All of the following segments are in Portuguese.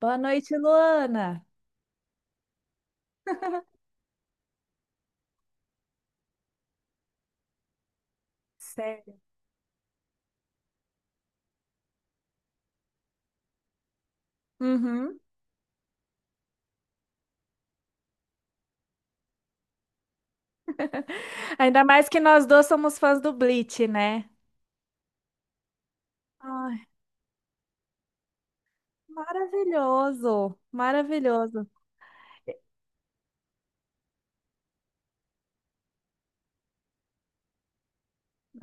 Boa noite, Luana. Sério. Uhum. Ainda mais que nós dois somos fãs do Bleach, né? Ai, maravilhoso, maravilhoso.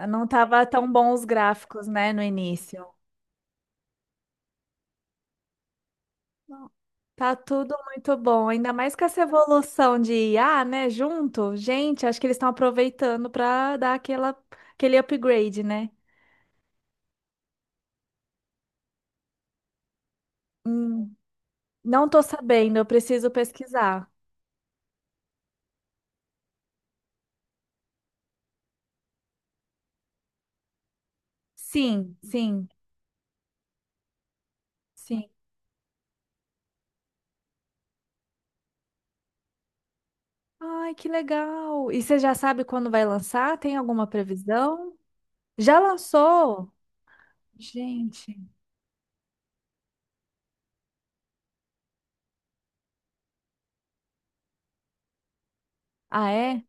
Não tava tão bom os gráficos, né, no início. Não. Tá tudo muito bom, ainda mais com essa evolução de IA, né, junto. Gente, acho que eles estão aproveitando para dar aquela, aquele upgrade, né? Hum, não tô sabendo, eu preciso pesquisar. Sim, sim. Ai, que legal! E você já sabe quando vai lançar? Tem alguma previsão? Já lançou? Gente. Ah, é?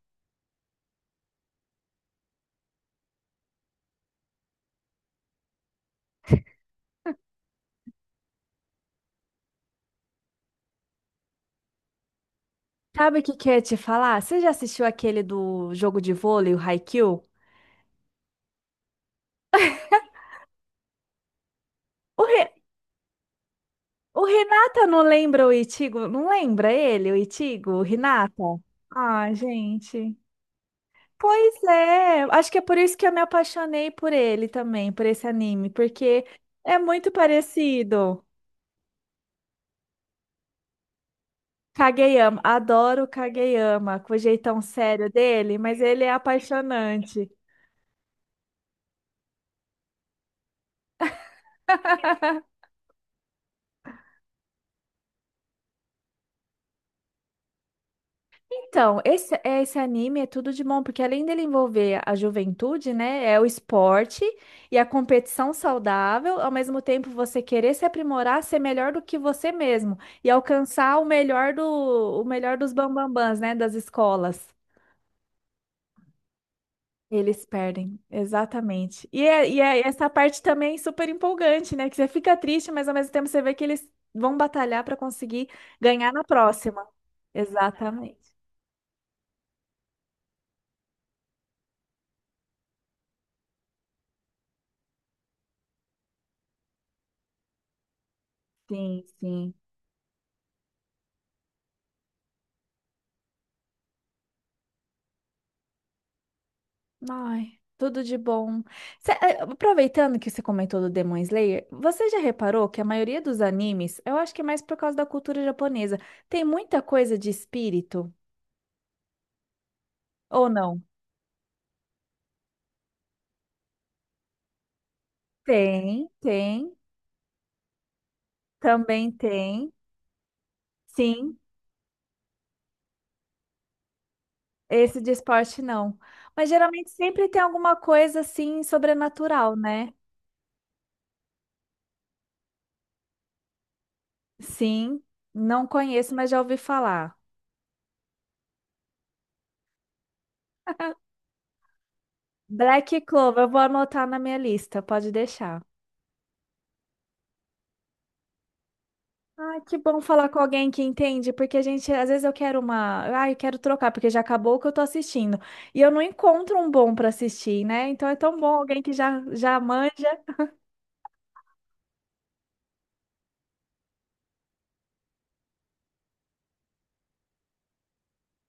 Sabe o que que eu ia te falar? Você já assistiu aquele do jogo de vôlei, o Haikyuu? O, Re... o Renata não lembra o Itigo? Não lembra ele, o Itigo? O Renata? Ah, gente. Pois é, acho que é por isso que eu me apaixonei por ele também, por esse anime, porque é muito parecido. Kageyama, adoro o Kageyama, com o jeitão sério dele, mas ele é apaixonante. Então, esse anime é tudo de bom, porque além dele envolver a juventude, né, é o esporte e a competição saudável, ao mesmo tempo você querer se aprimorar, ser melhor do que você mesmo e alcançar o melhor do, o melhor dos bambambãs, né, das escolas. Eles perdem, exatamente. E é essa parte também super empolgante, né? Que você fica triste, mas ao mesmo tempo você vê que eles vão batalhar para conseguir ganhar na próxima. Exatamente. Sim, sim. Ai, tudo de bom. Aproveitando que você comentou do Demon Slayer, você já reparou que a maioria dos animes, eu acho que é mais por causa da cultura japonesa, tem muita coisa de espírito? Ou não? Tem, tem. Também tem. Sim. Esse de esporte não. Mas geralmente sempre tem alguma coisa assim sobrenatural, né? Sim, não conheço, mas já ouvi falar. Black Clover, eu vou anotar na minha lista, pode deixar. Ai, que bom falar com alguém que entende, porque a gente, às vezes eu quero uma, ai, eu quero trocar, porque já acabou o que eu tô assistindo. E eu não encontro um bom pra assistir, né? Então é tão bom alguém que já manja.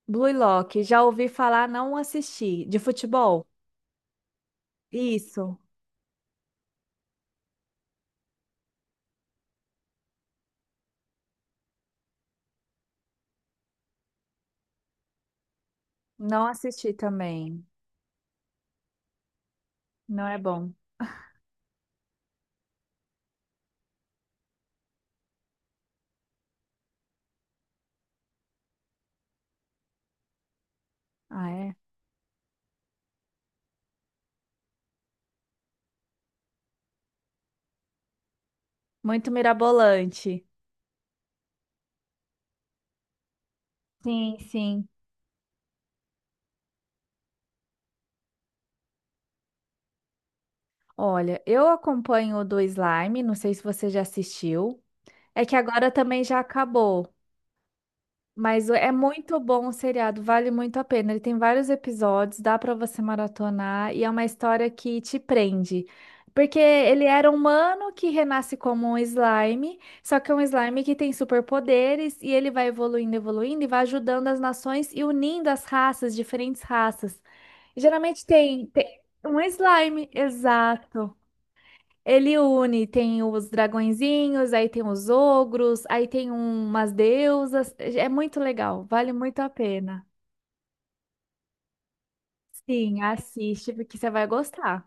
Blue Lock, já ouvi falar, não assisti. De futebol? Isso, não assisti também. Não é bom. Ah, é. Muito mirabolante. Sim, sim. Olha, eu acompanho o do Slime, não sei se você já assistiu. É que agora também já acabou. Mas é muito bom o seriado, vale muito a pena. Ele tem vários episódios, dá para você maratonar e é uma história que te prende. Porque ele era um humano que renasce como um slime, só que é um slime que tem superpoderes e ele vai evoluindo, evoluindo e vai ajudando as nações e unindo as raças, diferentes raças. E geralmente tem um slime, exato. Ele une, tem os dragõezinhos, aí tem os ogros, aí tem umas deusas. É muito legal, vale muito a pena. Sim, assiste, porque você vai gostar.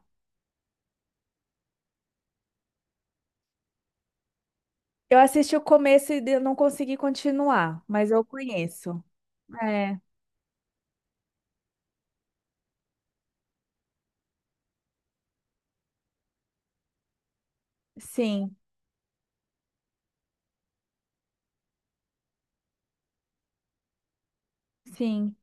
Eu assisti o começo e eu não consegui continuar, mas eu conheço. É, sim, sim.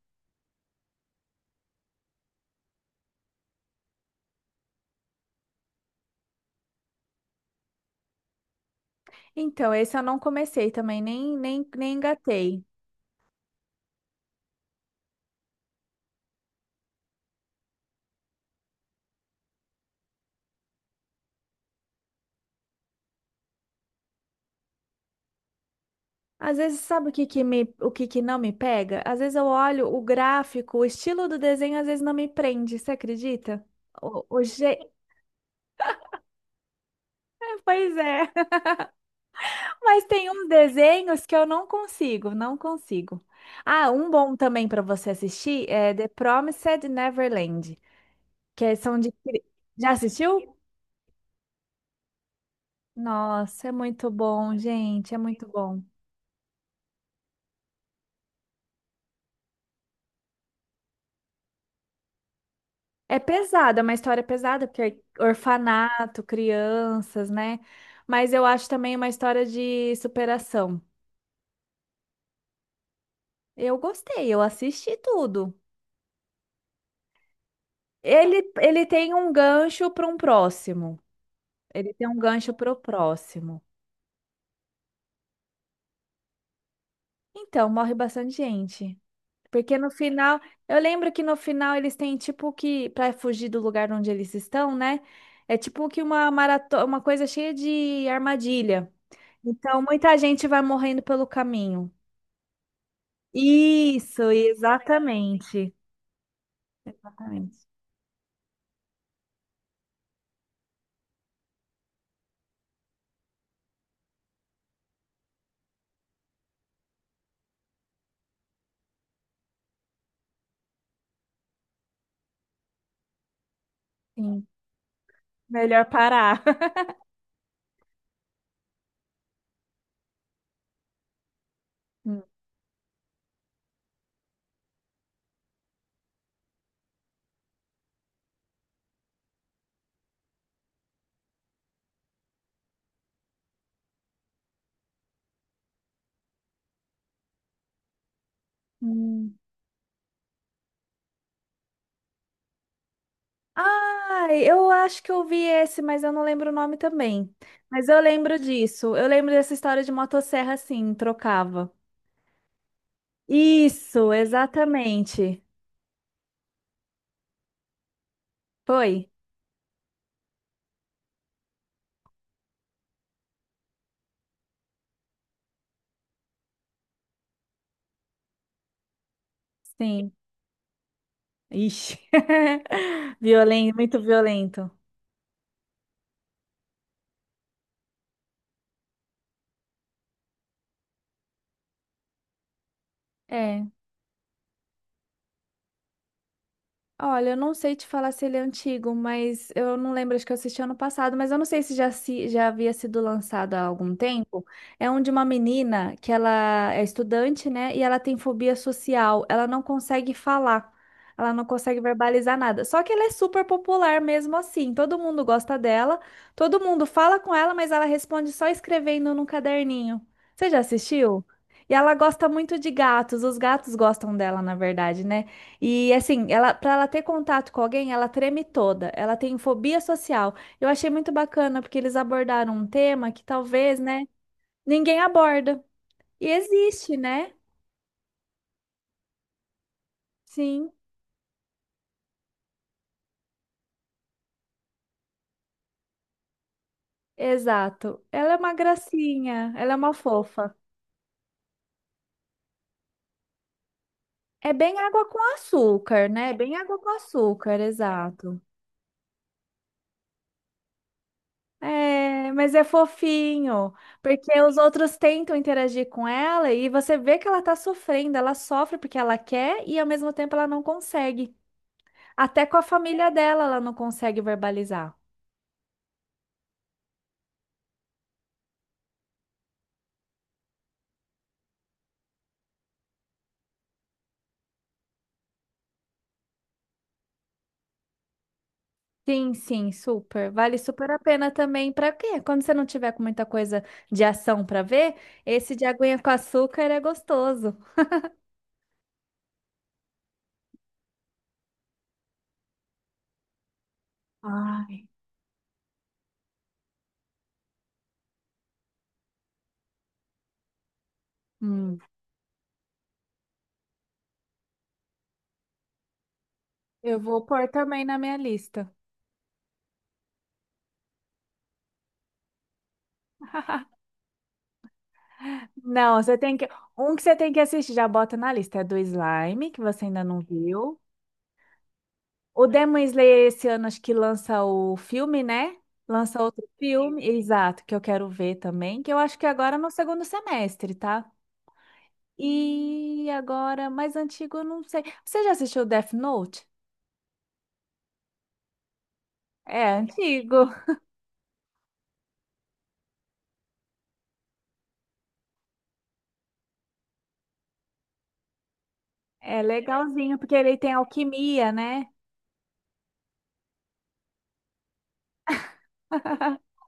Então, esse eu não comecei também, nem engatei. Às vezes, sabe o que que me, o que que não me pega? Às vezes eu olho o gráfico, o estilo do desenho, às vezes não me prende, você acredita? O, o, je- Pois é, mas tem uns desenhos que eu não consigo, não consigo. Ah, um bom também para você assistir é The Promised Neverland, que é- são de... cri- Já assistiu? Nossa, é muito bom, gente, é muito bom. É pesada, é uma história pesada, porque é orfanato, crianças, né? Mas eu acho também uma história de superação. Eu gostei, eu assisti tudo. Ele tem um gancho para um próximo. Ele tem um gancho para o próximo. Então, morre bastante gente. Porque no final, eu lembro que no final eles têm tipo que, para fugir do lugar onde eles estão, né? É tipo que uma maratona, uma coisa cheia de armadilha. Então, muita gente vai morrendo pelo caminho. Isso, exatamente. Exatamente. Sim. Melhor parar. Hum. Hum. Ah, eu acho que eu vi esse, mas eu não lembro o nome também. Mas eu lembro disso. Eu lembro dessa história de motosserra, assim, trocava. Isso, exatamente. Foi? Sim. Ixi. Violento, muito violento. É. Olha, eu não sei te falar se ele é antigo, mas eu não lembro, acho que eu assisti ano passado, mas eu não sei se já, se já havia sido lançado há algum tempo. É um de uma menina que ela é estudante, né? E ela tem fobia social, ela não consegue falar, ela não consegue verbalizar nada. Só que ela é super popular mesmo assim, todo mundo gosta dela, todo mundo fala com ela, mas ela responde só escrevendo num caderninho. Você já assistiu? E ela gosta muito de gatos, os gatos gostam dela, na verdade, né? E assim, ela, para ela ter contato com alguém, ela treme toda. Ela tem fobia social. Eu achei muito bacana porque eles abordaram um tema que talvez, né, ninguém aborda. E existe, né? Sim, exato. Ela é uma gracinha, ela é uma fofa. É bem água com açúcar, né? Bem água com açúcar, exato. É, mas é fofinho, porque os outros tentam interagir com ela e você vê que ela tá sofrendo, ela sofre porque ela quer e ao mesmo tempo ela não consegue. Até com a família dela ela não consegue verbalizar. Sim, sim, super. Vale super a pena também para quê? Quando você não tiver com muita coisa de ação para ver, esse de aguinha com açúcar é gostoso. Ai, hum, eu vou pôr também na minha lista. Não, você tem que. Um que você tem que assistir, já bota na lista, é do Slime, que você ainda não viu. O Demon Slayer esse ano acho que lança o filme, né? Lança outro filme, exato, que eu quero ver também, que eu acho que agora é no segundo semestre, tá? E agora, mais antigo, eu não sei. Você já assistiu Death Note? É antigo. É legalzinho, porque ele tem alquimia, né?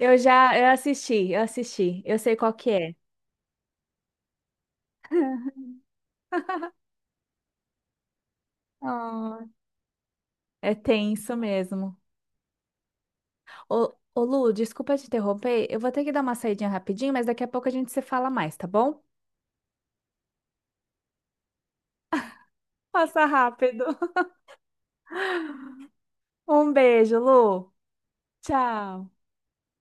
Eu já, eu assisti, eu assisti. Eu sei qual que é. Ah, é tenso mesmo. Ô, ô, Lu, desculpa te interromper. Eu vou ter que dar uma saidinha rapidinho, mas daqui a pouco a gente se fala mais, tá bom? Passa rápido. Um beijo, Lu. Tchau.